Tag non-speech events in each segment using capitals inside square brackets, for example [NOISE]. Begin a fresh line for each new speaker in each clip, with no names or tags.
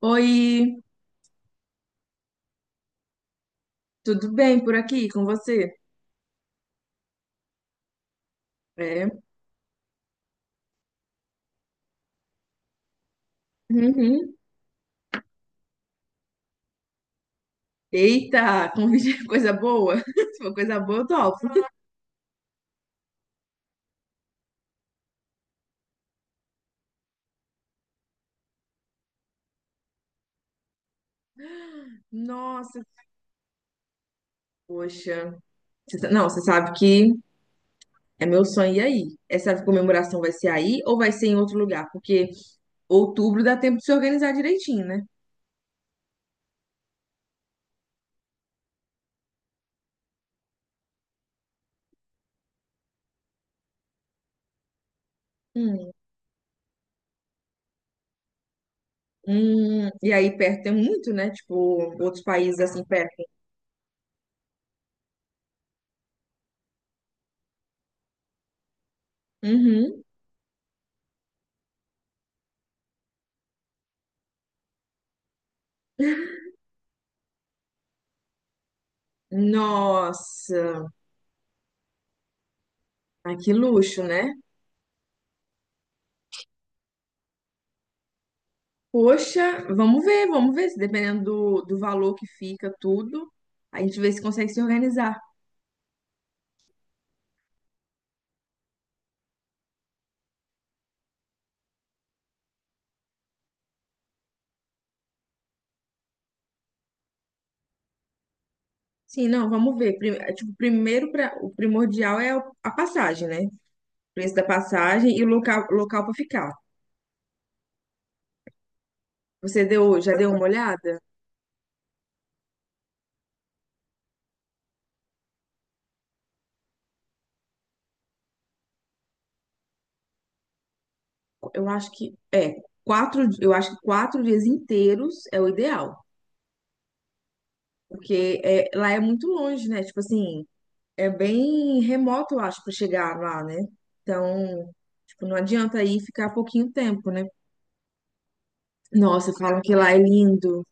Oi, tudo bem por aqui com você? É. Uhum. Eita, convite [LAUGHS] coisa boa. [LAUGHS] Se for coisa boa, eu topo. Nossa, poxa. Não, você sabe que é meu sonho ir aí. Essa comemoração vai ser aí ou vai ser em outro lugar? Porque outubro dá tempo de se organizar direitinho, né? Hum. E aí perto tem muito, né? Tipo, outros países assim perto. Uhum. Nossa, ai, que luxo, né? Poxa, vamos ver, se dependendo do valor que fica tudo, a gente vê se consegue se organizar. Sim, não, vamos ver. Tipo, primeiro pra, o primordial é a passagem, né? O preço da passagem e o local, local para ficar. Você deu, já deu uma olhada? Eu acho que é eu acho que 4 dias inteiros é o ideal, porque é, lá é muito longe, né? Tipo assim, é bem remoto, eu acho, para chegar lá, né? Então, tipo, não adianta aí ficar pouquinho tempo, né? Nossa, falam que lá é lindo.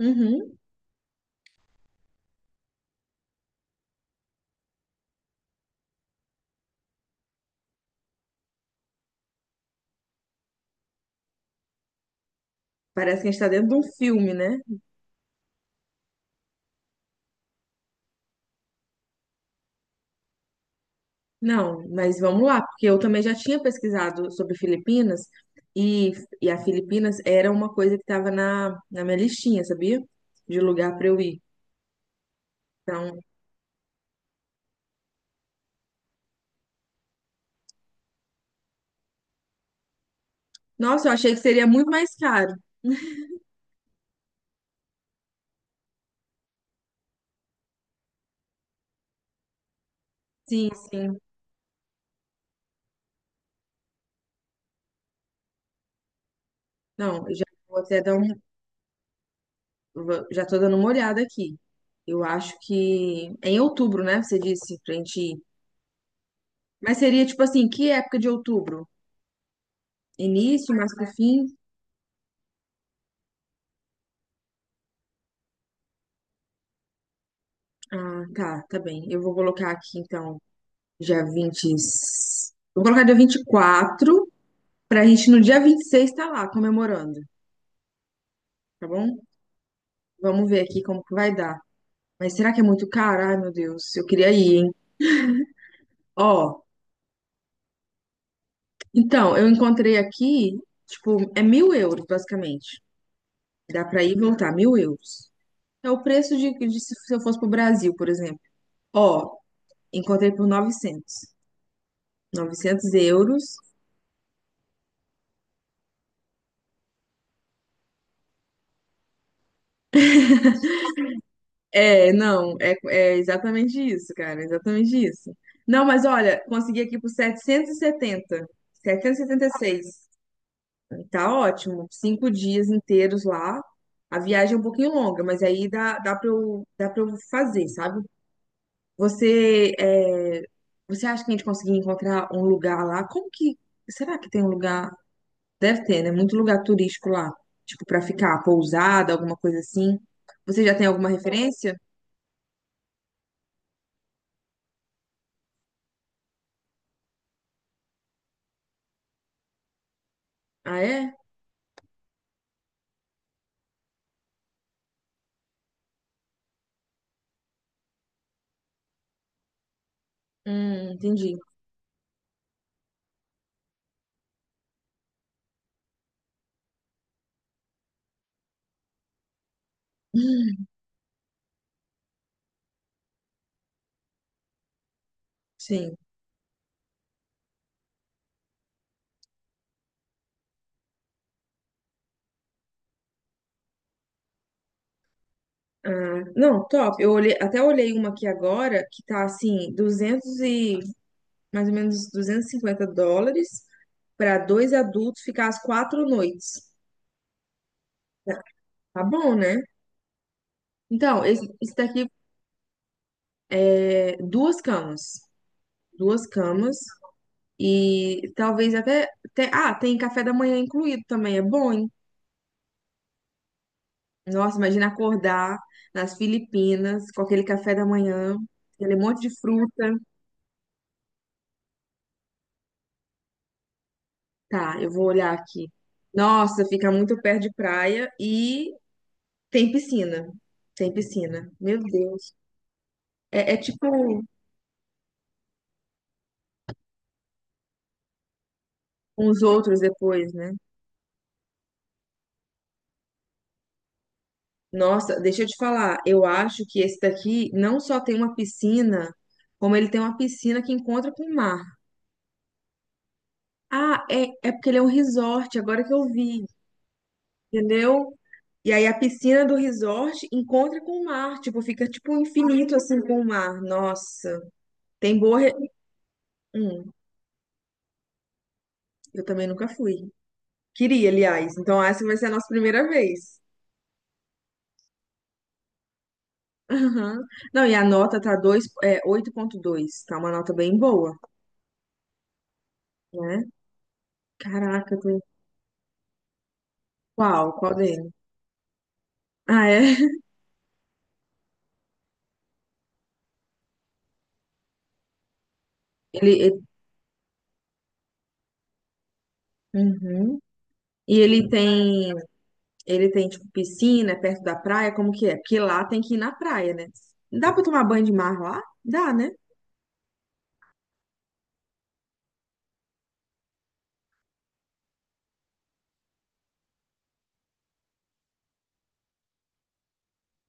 Uhum. Parece que a gente está dentro de um filme, né? Não, mas vamos lá, porque eu também já tinha pesquisado sobre Filipinas e, e a Filipinas era uma coisa que estava na minha listinha, sabia? De lugar para eu ir. Então, nossa, eu achei que seria muito mais caro. Sim, sim. Não, eu já vou até dar um, já tô dando uma olhada aqui. Eu acho que é em outubro, né? Você disse pra gente ir. Mas seria tipo assim, que época de outubro? Início, mais pro fim? Ah, tá, tá bem. Eu vou colocar aqui, então, dia 20 e- vou colocar dia 24, pra gente no dia 26 estar lá comemorando, tá bom? Vamos ver aqui como que vai dar. Mas será que é muito caro? Ai, meu Deus, eu queria ir, hein? Ó, então, eu encontrei aqui, tipo, é 1.000 euros, basicamente. Dá pra ir e voltar, 1.000 euros. É o preço de se eu fosse pro Brasil, por exemplo. Ó, encontrei por 900 900 euros. É, não, é, é exatamente isso, cara, exatamente isso. Não, mas olha, consegui aqui por 776. Tá ótimo, 5 dias inteiros lá. A viagem é um pouquinho longa, mas aí dá pra eu fazer, sabe? Você, é, você acha que a gente conseguir encontrar um lugar lá? Como que, será que tem um lugar? Deve ter, né? Muito lugar turístico lá, tipo, pra ficar pousada, alguma coisa assim. Você já tem alguma referência? Ah, é? Entendi. Hum, Sim. Ah, não, top. Eu olhei, até olhei uma aqui agora que tá assim, 200 e mais ou menos 250 dólares para dois adultos ficar as 4 noites. Tá tá bom, né? Então, esse daqui é duas camas e talvez ah, tem café da manhã incluído também, é bom, hein? Nossa, imagina acordar nas Filipinas com aquele café da manhã, aquele monte de fruta. Tá, eu vou olhar aqui. Nossa, fica muito perto de praia e tem piscina. Tem piscina. Meu Deus. É, é tipo uns outros depois, né? Nossa, deixa eu te falar. Eu acho que esse daqui não só tem uma piscina, como ele tem uma piscina que encontra com o mar. Ah, é, é porque ele é um resort, agora que eu vi, entendeu? E aí a piscina do resort encontra com o mar. Tipo, fica tipo infinito assim com o mar. Nossa. Tem boa. Hum, eu também nunca fui. Queria, aliás. Então, essa vai ser a nossa primeira vez. Aham. Não, e a nota 8,2. Tá uma nota bem boa, né? Caraca, eu tô... qual? Qual dele? Ah, é? [LAUGHS] Ele, ele- Uhum. E ele tem, tipo, piscina é perto da praia, como que é? Porque lá tem que ir na praia, né? Dá pra tomar banho de mar lá? Dá, né?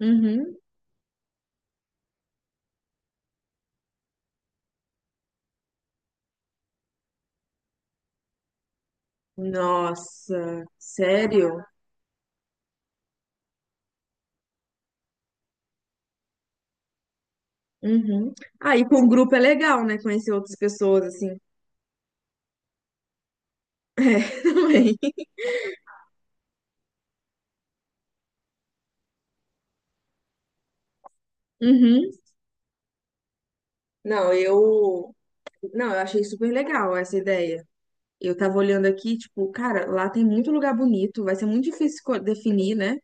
Uhum. Nossa, sério? Uhum. Aí, com o grupo é legal, né? Conhecer outras pessoas, assim. [LAUGHS] É, também. Uhum. Não, eu. Não, eu achei super legal essa ideia. Eu tava olhando aqui, tipo, cara, lá tem muito lugar bonito, vai ser muito difícil definir, né?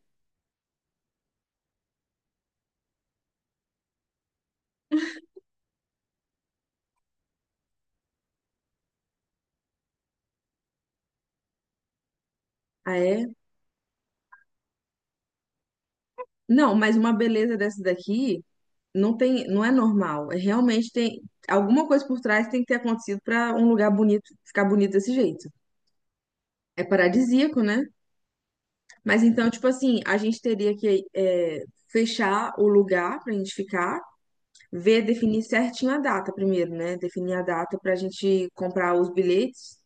Ah, é? Não, mas uma beleza dessa daqui não tem, não é normal. É realmente tem alguma coisa por trás que tem que ter acontecido pra um lugar bonito ficar bonito desse jeito. É paradisíaco, né? Mas então, tipo assim, a gente teria que é, fechar o lugar pra gente ficar ver, definir certinho a data primeiro, né? Definir a data para a gente comprar os bilhetes.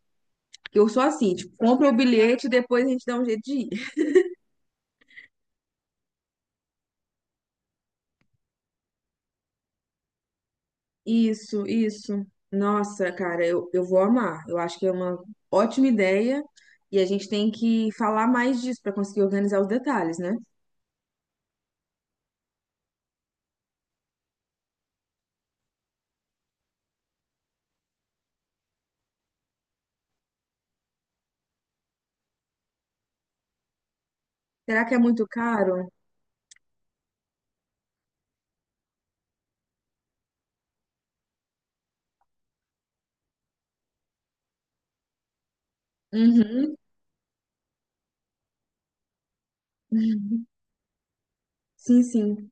Eu sou assim, tipo, compra o bilhete e depois a gente dá um jeito de ir. Isso, isso. Nossa, cara, eu vou amar. Eu acho que é uma ótima ideia e a gente tem que falar mais disso para conseguir organizar os detalhes, né? Será que é muito caro? Uhum. [LAUGHS] Sim, sim.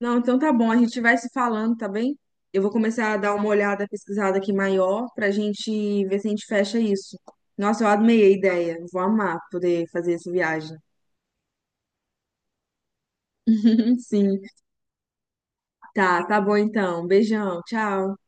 Não, então tá bom, a gente vai se falando, tá bem? Eu vou começar a dar uma olhada pesquisada aqui maior pra gente ver se a gente fecha isso. Nossa, eu amei a ideia. Vou amar poder fazer essa viagem. [LAUGHS] Sim. Tá, tá bom então. Beijão, tchau.